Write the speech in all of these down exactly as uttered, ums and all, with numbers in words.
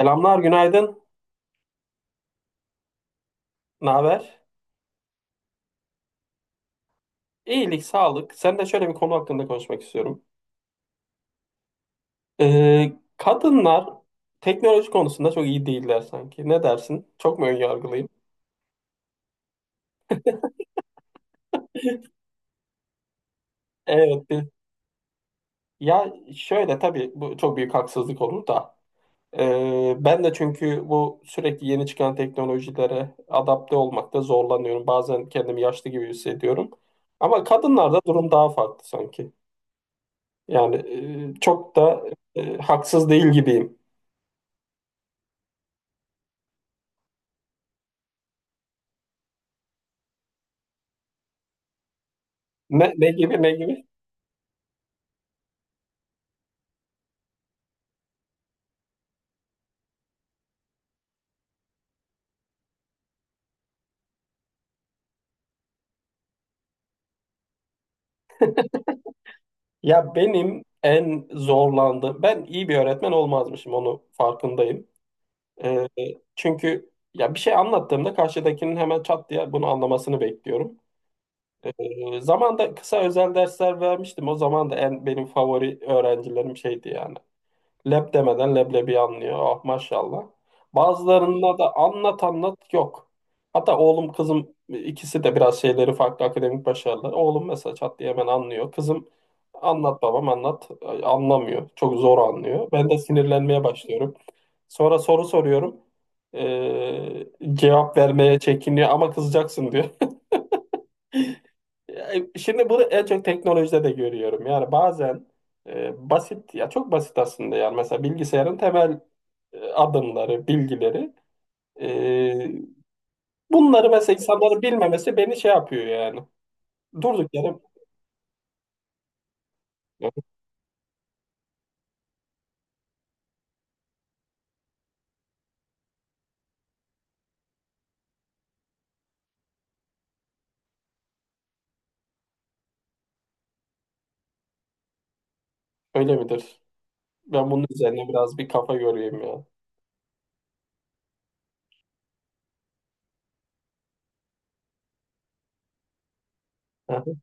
Selamlar, günaydın. Ne haber? İyilik, sağlık. Sen de şöyle bir konu hakkında konuşmak istiyorum. Ee, Kadınlar teknoloji konusunda çok iyi değiller sanki. Ne dersin? Çok mu önyargılıyım? Evet. bir- Ya şöyle tabii bu çok büyük haksızlık olur da. Ee, ben de çünkü bu sürekli yeni çıkan teknolojilere adapte olmakta zorlanıyorum. Bazen kendimi yaşlı gibi hissediyorum. Ama kadınlarda durum daha farklı sanki. Yani e, çok da e, haksız değil gibiyim. Ne, ne gibi ne gibi? Ya benim en zorlandığım, ben iyi bir öğretmen olmazmışım onu farkındayım. Ee, Çünkü ya bir şey anlattığımda karşıdakinin hemen çat diye bunu anlamasını bekliyorum. Ee, zamanda kısa özel dersler vermiştim. O zaman da en benim favori öğrencilerim şeydi yani. Leb demeden leblebi anlıyor. Ah maşallah. Bazılarında da anlat anlat yok. Hatta oğlum kızım ikisi de biraz şeyleri farklı akademik başarılar. Oğlum mesela çat diye hemen anlıyor. Kızım anlat babam anlat, ay, anlamıyor. Çok zor anlıyor. Ben de sinirlenmeye başlıyorum. Sonra soru soruyorum. Ee, Cevap vermeye çekiniyor ama kızacaksın diyor. E, Şimdi bunu en çok teknolojide de görüyorum. Yani bazen e, basit ya çok basit aslında yani mesela bilgisayarın temel e, adımları, bilgileri. E, Bunları mesela insanların bilmemesi beni şey yapıyor yani. Durduk yere öyle midir? Ben bunun üzerine biraz bir kafa göreyim ya. Hı hı.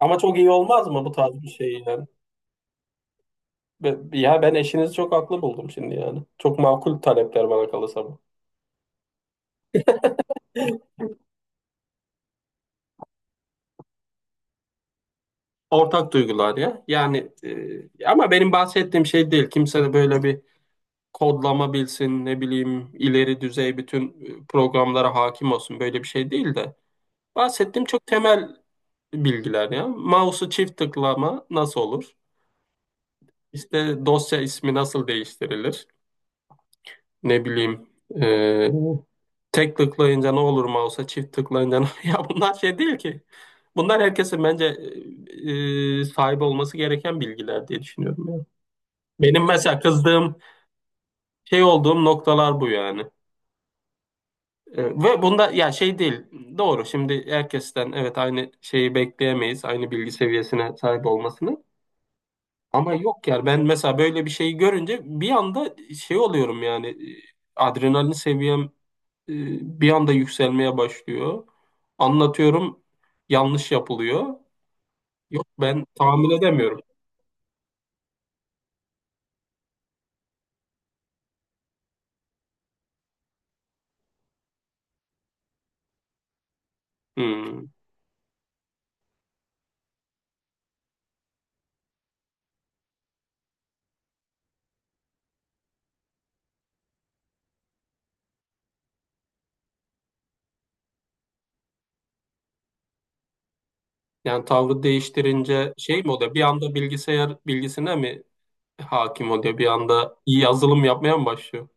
Ama çok iyi olmaz mı bu tarz bir şey yani? Be- Ya ben eşinizi çok haklı buldum şimdi yani. Çok makul talepler bana kalırsa bu. Ortak duygular ya. Yani e, ama benim bahsettiğim şey değil. Kimse de böyle bir kodlama bilsin, ne bileyim ileri düzey bütün e, programlara hakim olsun. Böyle bir şey değil de. Bahsettiğim çok temel bilgiler ya. Mouse'u çift tıklama nasıl olur? İşte dosya ismi nasıl değiştirilir? Ne bileyim e, tek tıklayınca ne olur mouse'a çift tıklayınca ne ya bunlar şey değil ki. Bunlar herkesin bence e, sahip olması gereken bilgiler diye düşünüyorum ya. Benim mesela kızdığım şey olduğum noktalar bu yani. E, ve bunda ya şey değil. Doğru şimdi herkesten evet aynı şeyi bekleyemeyiz. Aynı bilgi seviyesine sahip olmasını. Ama yok ya ben mesela böyle bir şeyi görünce bir anda şey oluyorum yani, e, adrenalin seviyem e, bir anda yükselmeye başlıyor. Anlatıyorum, yanlış yapılıyor. Yok ben tahammül edemiyorum. Hmm. Yani tavrı değiştirince şey mi oluyor? Bir anda bilgisayar bilgisine mi hakim oluyor? Bir anda iyi yazılım yapmaya mı başlıyor?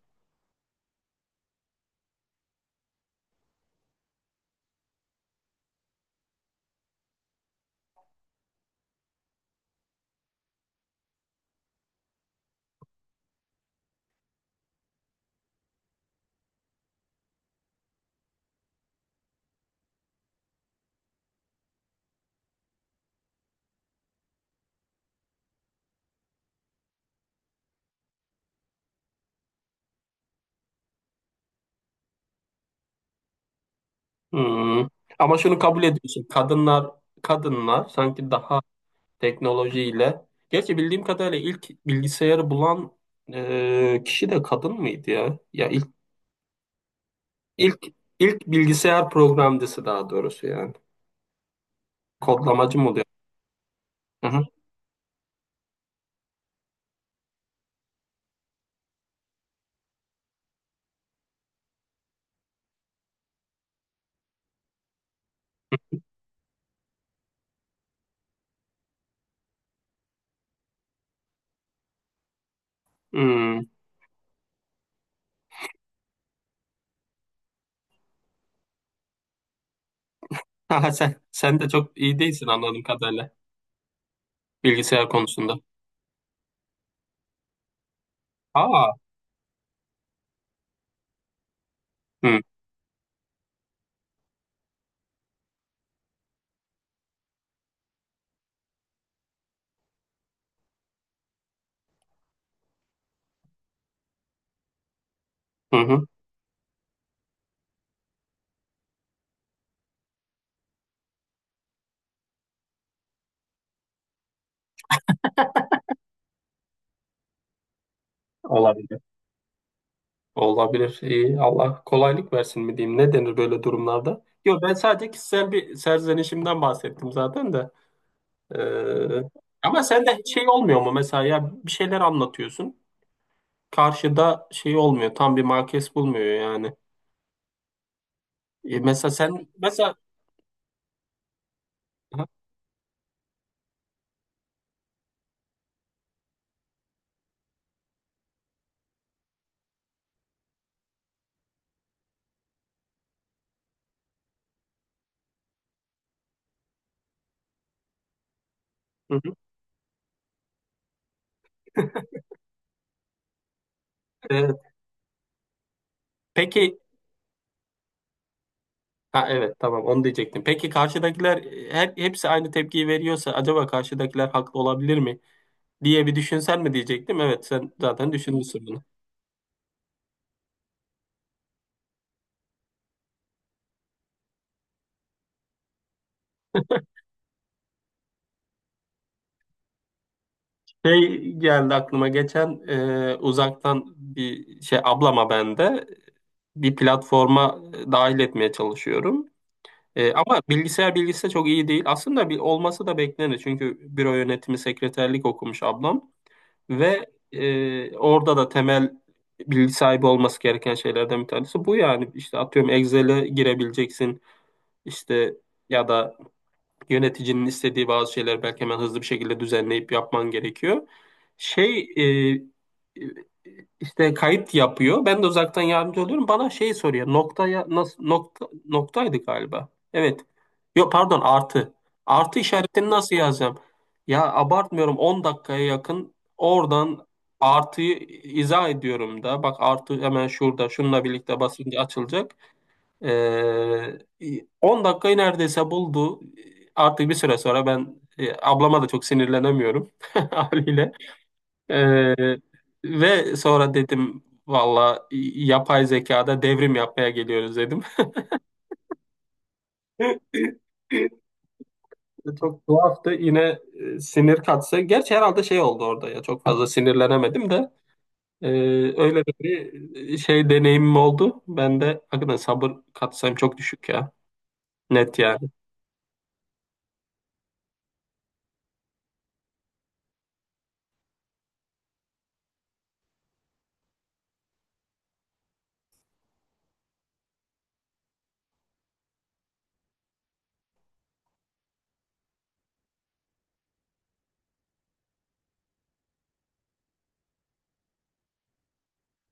Hmm. Ama şunu kabul ediyorsun. Kadınlar kadınlar sanki daha teknolojiyle. Gerçi bildiğim kadarıyla ilk bilgisayarı bulan e, kişi de kadın mıydı ya? Ya ilk ilk ilk bilgisayar programcısı daha doğrusu yani. Kodlamacı mı oluyor? Hı hı. Hmm. Haha, Sen, sen de çok iyi değilsin anladığım kadarıyla bilgisayar konusunda. Aa. Hı hı. Hı. Olabilir. Olabilir. İyi. Allah kolaylık versin mi diyeyim? Ne denir böyle durumlarda? Yok ben sadece kişisel bir serzenişimden bahsettim zaten de. Ee, Ama sende hiç şey olmuyor mu mesela, ya bir şeyler anlatıyorsun. Karşıda şey olmuyor. Tam bir markes bulmuyor yani. E, mesela sen mesela aha, hı hı. Ee, peki ha evet, tamam, onu diyecektim. Peki karşıdakiler, e, her, hepsi aynı tepkiyi veriyorsa acaba karşıdakiler haklı olabilir mi diye bir düşünsen mi diyecektim. Evet sen zaten düşünmüşsün bunu. Şey geldi aklıma geçen, e, uzaktan bir şey, ablama ben de bir platforma dahil etmeye çalışıyorum. E, ama bilgisayar bilgisi de çok iyi değil. Aslında bir olması da beklenir. Çünkü büro yönetimi sekreterlik okumuş ablam ve e, orada da temel bilgi sahibi olması gereken şeylerden bir tanesi bu yani. İşte atıyorum Excel'e girebileceksin. İşte ya da yöneticinin istediği bazı şeyler belki hemen hızlı bir şekilde düzenleyip yapman gerekiyor. Şey e, işte kayıt yapıyor. Ben de uzaktan yardımcı oluyorum. Bana şey soruyor. Noktaya nasıl, nokta noktaydı galiba. Evet. Yok pardon, artı. Artı işaretini nasıl yazacağım? Ya abartmıyorum, on dakikaya yakın oradan artıyı izah ediyorum da. Bak artı hemen şurada şununla birlikte basınca açılacak. Ee, on dakikayı neredeyse buldu. Artık bir süre sonra ben, e, ablama da çok sinirlenemiyorum haliyle. Ee, Ve sonra dedim valla, yapay zekada devrim yapmaya geliyoruz dedim. Çok tuhaftı. Yine e, sinir katsa. Gerçi herhalde şey oldu orada ya. Çok fazla sinirlenemedim de. E, Öyle de bir e, şey deneyimim oldu. Ben de hakikaten sabır katsayım çok düşük ya. Net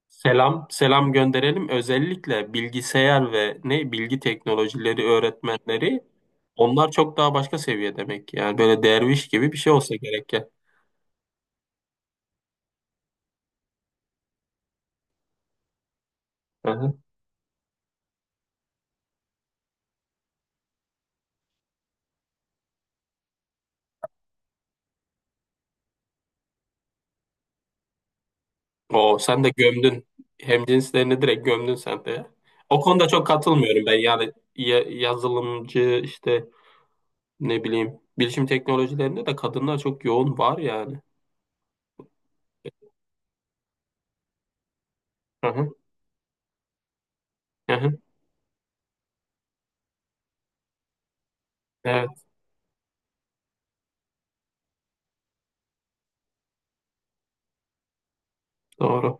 Selam, selam gönderelim. Özellikle bilgisayar ve ne bilgi teknolojileri öğretmenleri, onlar çok daha başka seviye demek. Yani böyle derviş gibi bir şey olsa gerek ya. Hı hı. Oo, sen de gömdün. Hemcinslerini direkt gömdün sen de, ya. O konuda çok katılmıyorum ben. Yani ya- yazılımcı işte ne bileyim, bilişim teknolojilerinde de kadınlar çok yoğun var yani. Hı hı, hı hı. Evet, doğru.